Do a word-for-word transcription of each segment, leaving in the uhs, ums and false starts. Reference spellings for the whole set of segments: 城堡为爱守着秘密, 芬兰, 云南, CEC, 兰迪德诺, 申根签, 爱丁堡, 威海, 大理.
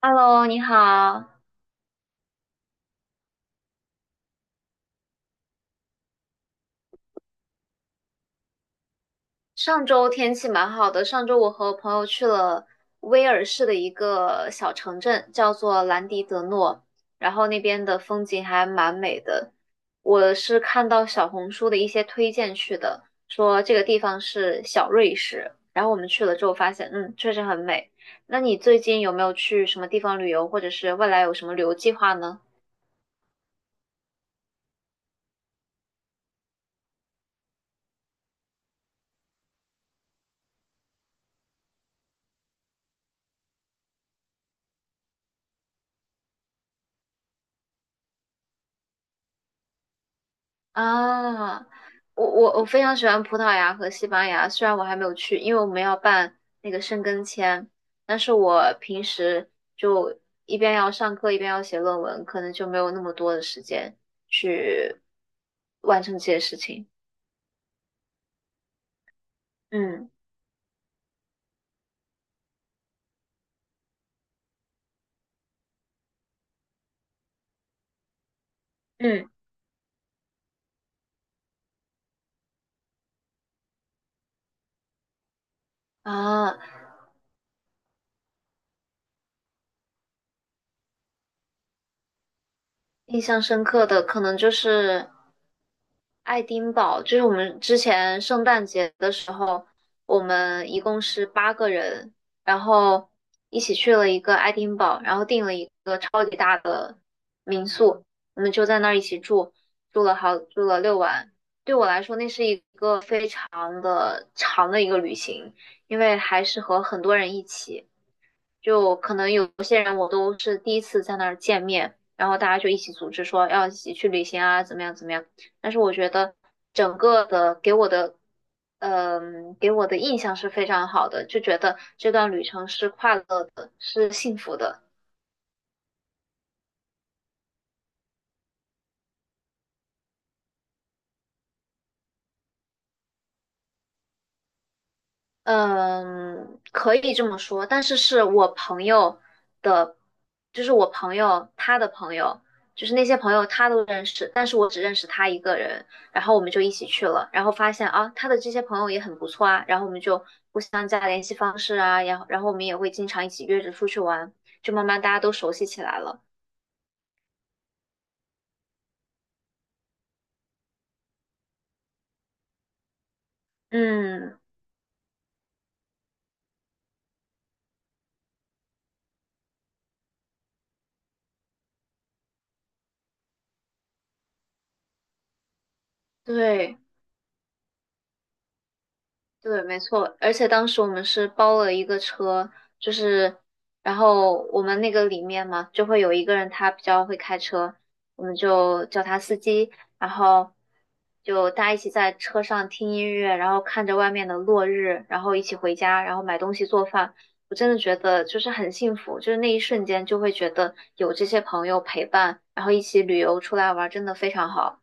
Hello，你好。上周天气蛮好的，上周我和朋友去了威尔士的一个小城镇，叫做兰迪德诺，然后那边的风景还蛮美的。我是看到小红书的一些推荐去的，说这个地方是小瑞士，然后我们去了之后发现，嗯，确实很美。那你最近有没有去什么地方旅游，或者是未来有什么旅游计划呢？啊，我我我非常喜欢葡萄牙和西班牙，虽然我还没有去，因为我们要办那个申根签，但是我平时就一边要上课一边要写论文，可能就没有那么多的时间去完成这些事情。嗯嗯啊，印象深刻的可能就是爱丁堡就是我们之前圣诞节的时候，我们一共是八个人，然后一起去了一个爱丁堡，然后订了一个超级大的民宿，我们就在那儿一起住，住了好，住了六晚。对我来说，那是一个非常的长的一个旅行，因为还是和很多人一起。就可能有些人我都是第一次在那儿见面，然后大家就一起组织说要一起去旅行啊，怎么样怎么样。但是我觉得整个的给我的，嗯、给我的印象是非常好的，就觉得这段旅程是快乐的，是幸福的。嗯，可以这么说，但是是我朋友的，就是我朋友他的朋友，就是那些朋友他都认识，但是我只认识他一个人，然后我们就一起去了，然后发现啊，他的这些朋友也很不错啊，然后我们就互相加联系方式啊，然后然后我们也会经常一起约着出去玩，就慢慢大家都熟悉起来了。嗯，对。对，没错，而且当时我们是包了一个车，就是，然后我们那个里面嘛，就会有一个人他比较会开车，我们就叫他司机，然后就大家一起在车上听音乐，然后看着外面的落日，然后一起回家，然后买东西做饭。我真的觉得就是很幸福，就是那一瞬间就会觉得有这些朋友陪伴，然后一起旅游出来玩，真的非常好。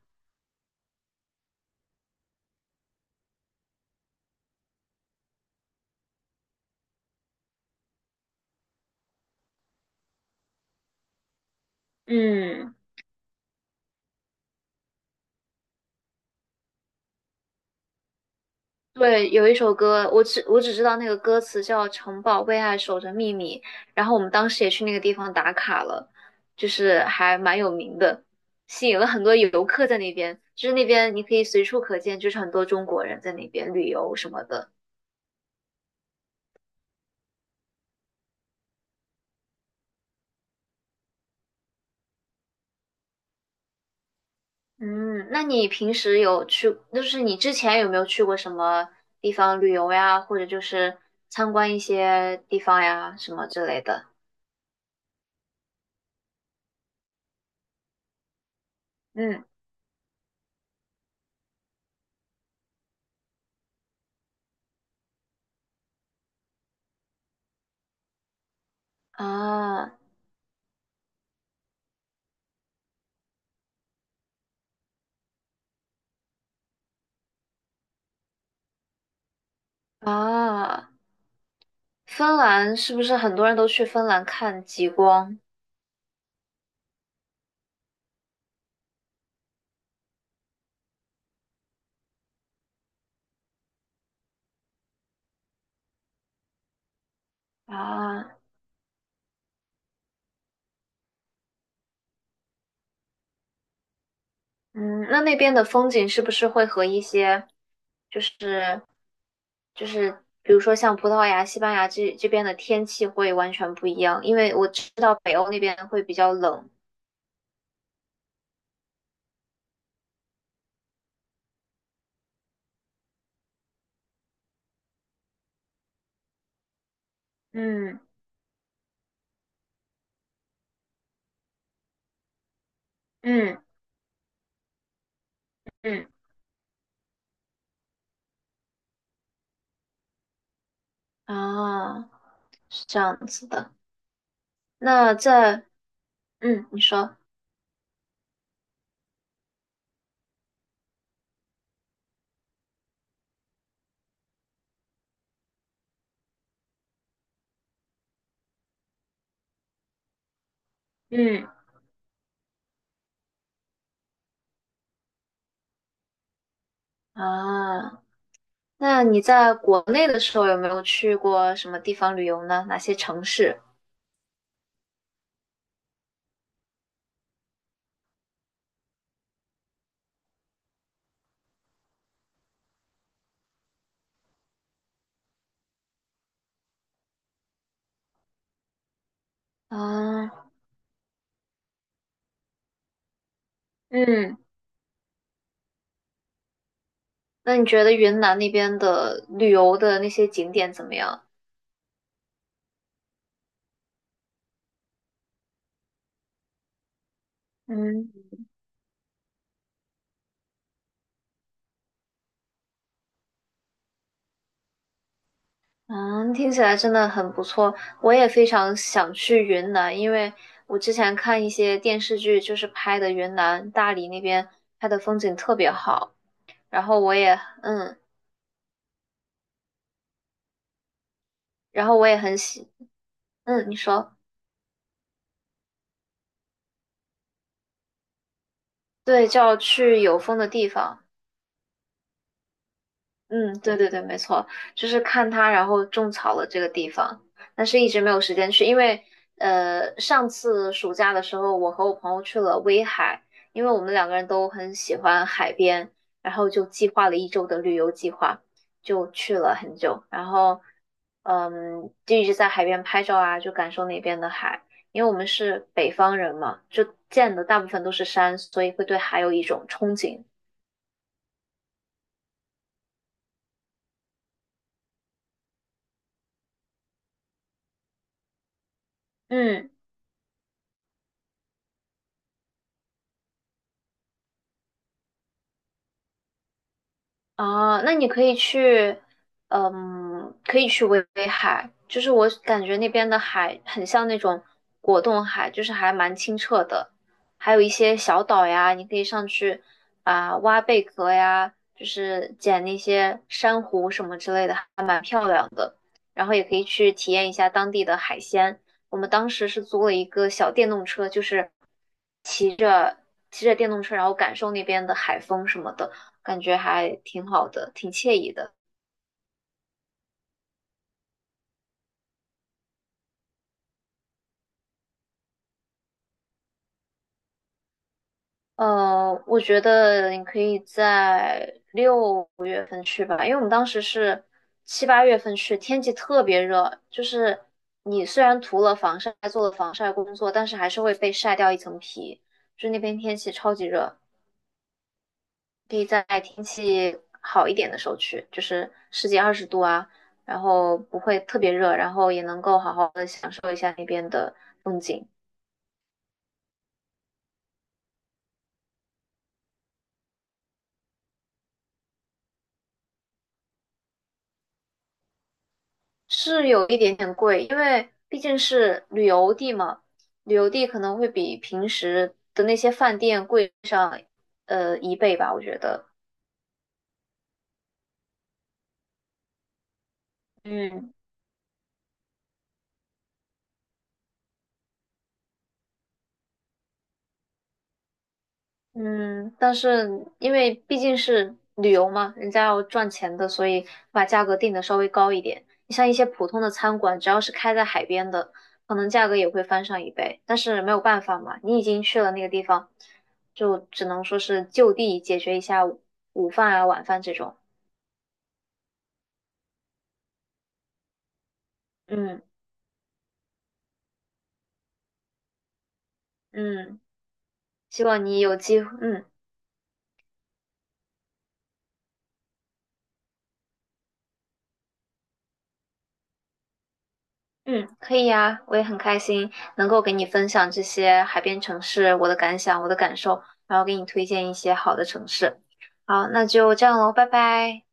嗯。对，有一首歌，我只我只知道那个歌词叫《城堡为爱守着秘密》，然后我们当时也去那个地方打卡了，就是还蛮有名的，吸引了很多游客在那边。就是那边你可以随处可见，就是很多中国人在那边旅游什么的。嗯，那你平时有去，就是你之前有没有去过什么地方旅游呀，或者就是参观一些地方呀，什么之类的？嗯，啊啊。芬兰是不是很多人都去芬兰看极光啊？嗯，那那边的风景是不是会和一些就是就是比如说像葡萄牙、西班牙这这边的天气会完全不一样？因为我知道北欧那边会比较冷。嗯嗯嗯，啊，是这样子的。那在嗯，你说嗯啊，那你在国内的时候有没有去过什么地方旅游呢？哪些城市？啊？嗯，那你觉得云南那边的旅游的那些景点怎么样？嗯嗯，听起来真的很不错，我也非常想去云南，因为我之前看一些电视剧，就是拍的云南大理那边拍的风景特别好，然后我也嗯，然后我也很喜，嗯，你说，对，就要去有风的地方。嗯，对对对，没错，就是看它，然后种草了这个地方，但是一直没有时间去，因为呃，上次暑假的时候，我和我朋友去了威海，因为我们两个人都很喜欢海边，然后就计划了一周的旅游计划，就去了很久，然后嗯，就一直在海边拍照啊，就感受那边的海，因为我们是北方人嘛，就见的大部分都是山，所以会对海有一种憧憬。嗯。啊，那你可以去，嗯，可以去威威海，就是我感觉那边的海很像那种果冻海，就是还蛮清澈的，还有一些小岛呀，你可以上去啊，挖贝壳呀，就是捡那些珊瑚什么之类的，还蛮漂亮的。然后也可以去体验一下当地的海鲜。我们当时是租了一个小电动车，就是骑着骑着电动车，然后感受那边的海风什么的。感觉还挺好的，挺惬意的。呃，我觉得你可以在月份去吧，因为我们当时是七八月份去，天气特别热，就是你虽然涂了防晒，做了防晒工作，但是还是会被晒掉一层皮。就那边天气超级热，可以在天气好一点的时候去，就是十几二十度啊，然后不会特别热，然后也能够好好的享受一下那边的风景。是有一点点贵，因为毕竟是旅游地嘛，旅游地可能会比平时的那些饭店贵上呃一倍吧，我觉得。嗯嗯，但是因为毕竟是旅游嘛，人家要赚钱的，所以把价格定的稍微高一点。你像一些普通的餐馆，只要是开在海边的，可能价格也会翻上一倍。但是没有办法嘛，你已经去了那个地方，就只能说是就地解决一下午午饭啊、晚饭这种。嗯嗯，希望你有机会，嗯嗯，可以呀，我也很开心能够给你分享这些海边城市我的感想、我的感受，然后给你推荐一些好的城市。好，那就这样喽，拜拜。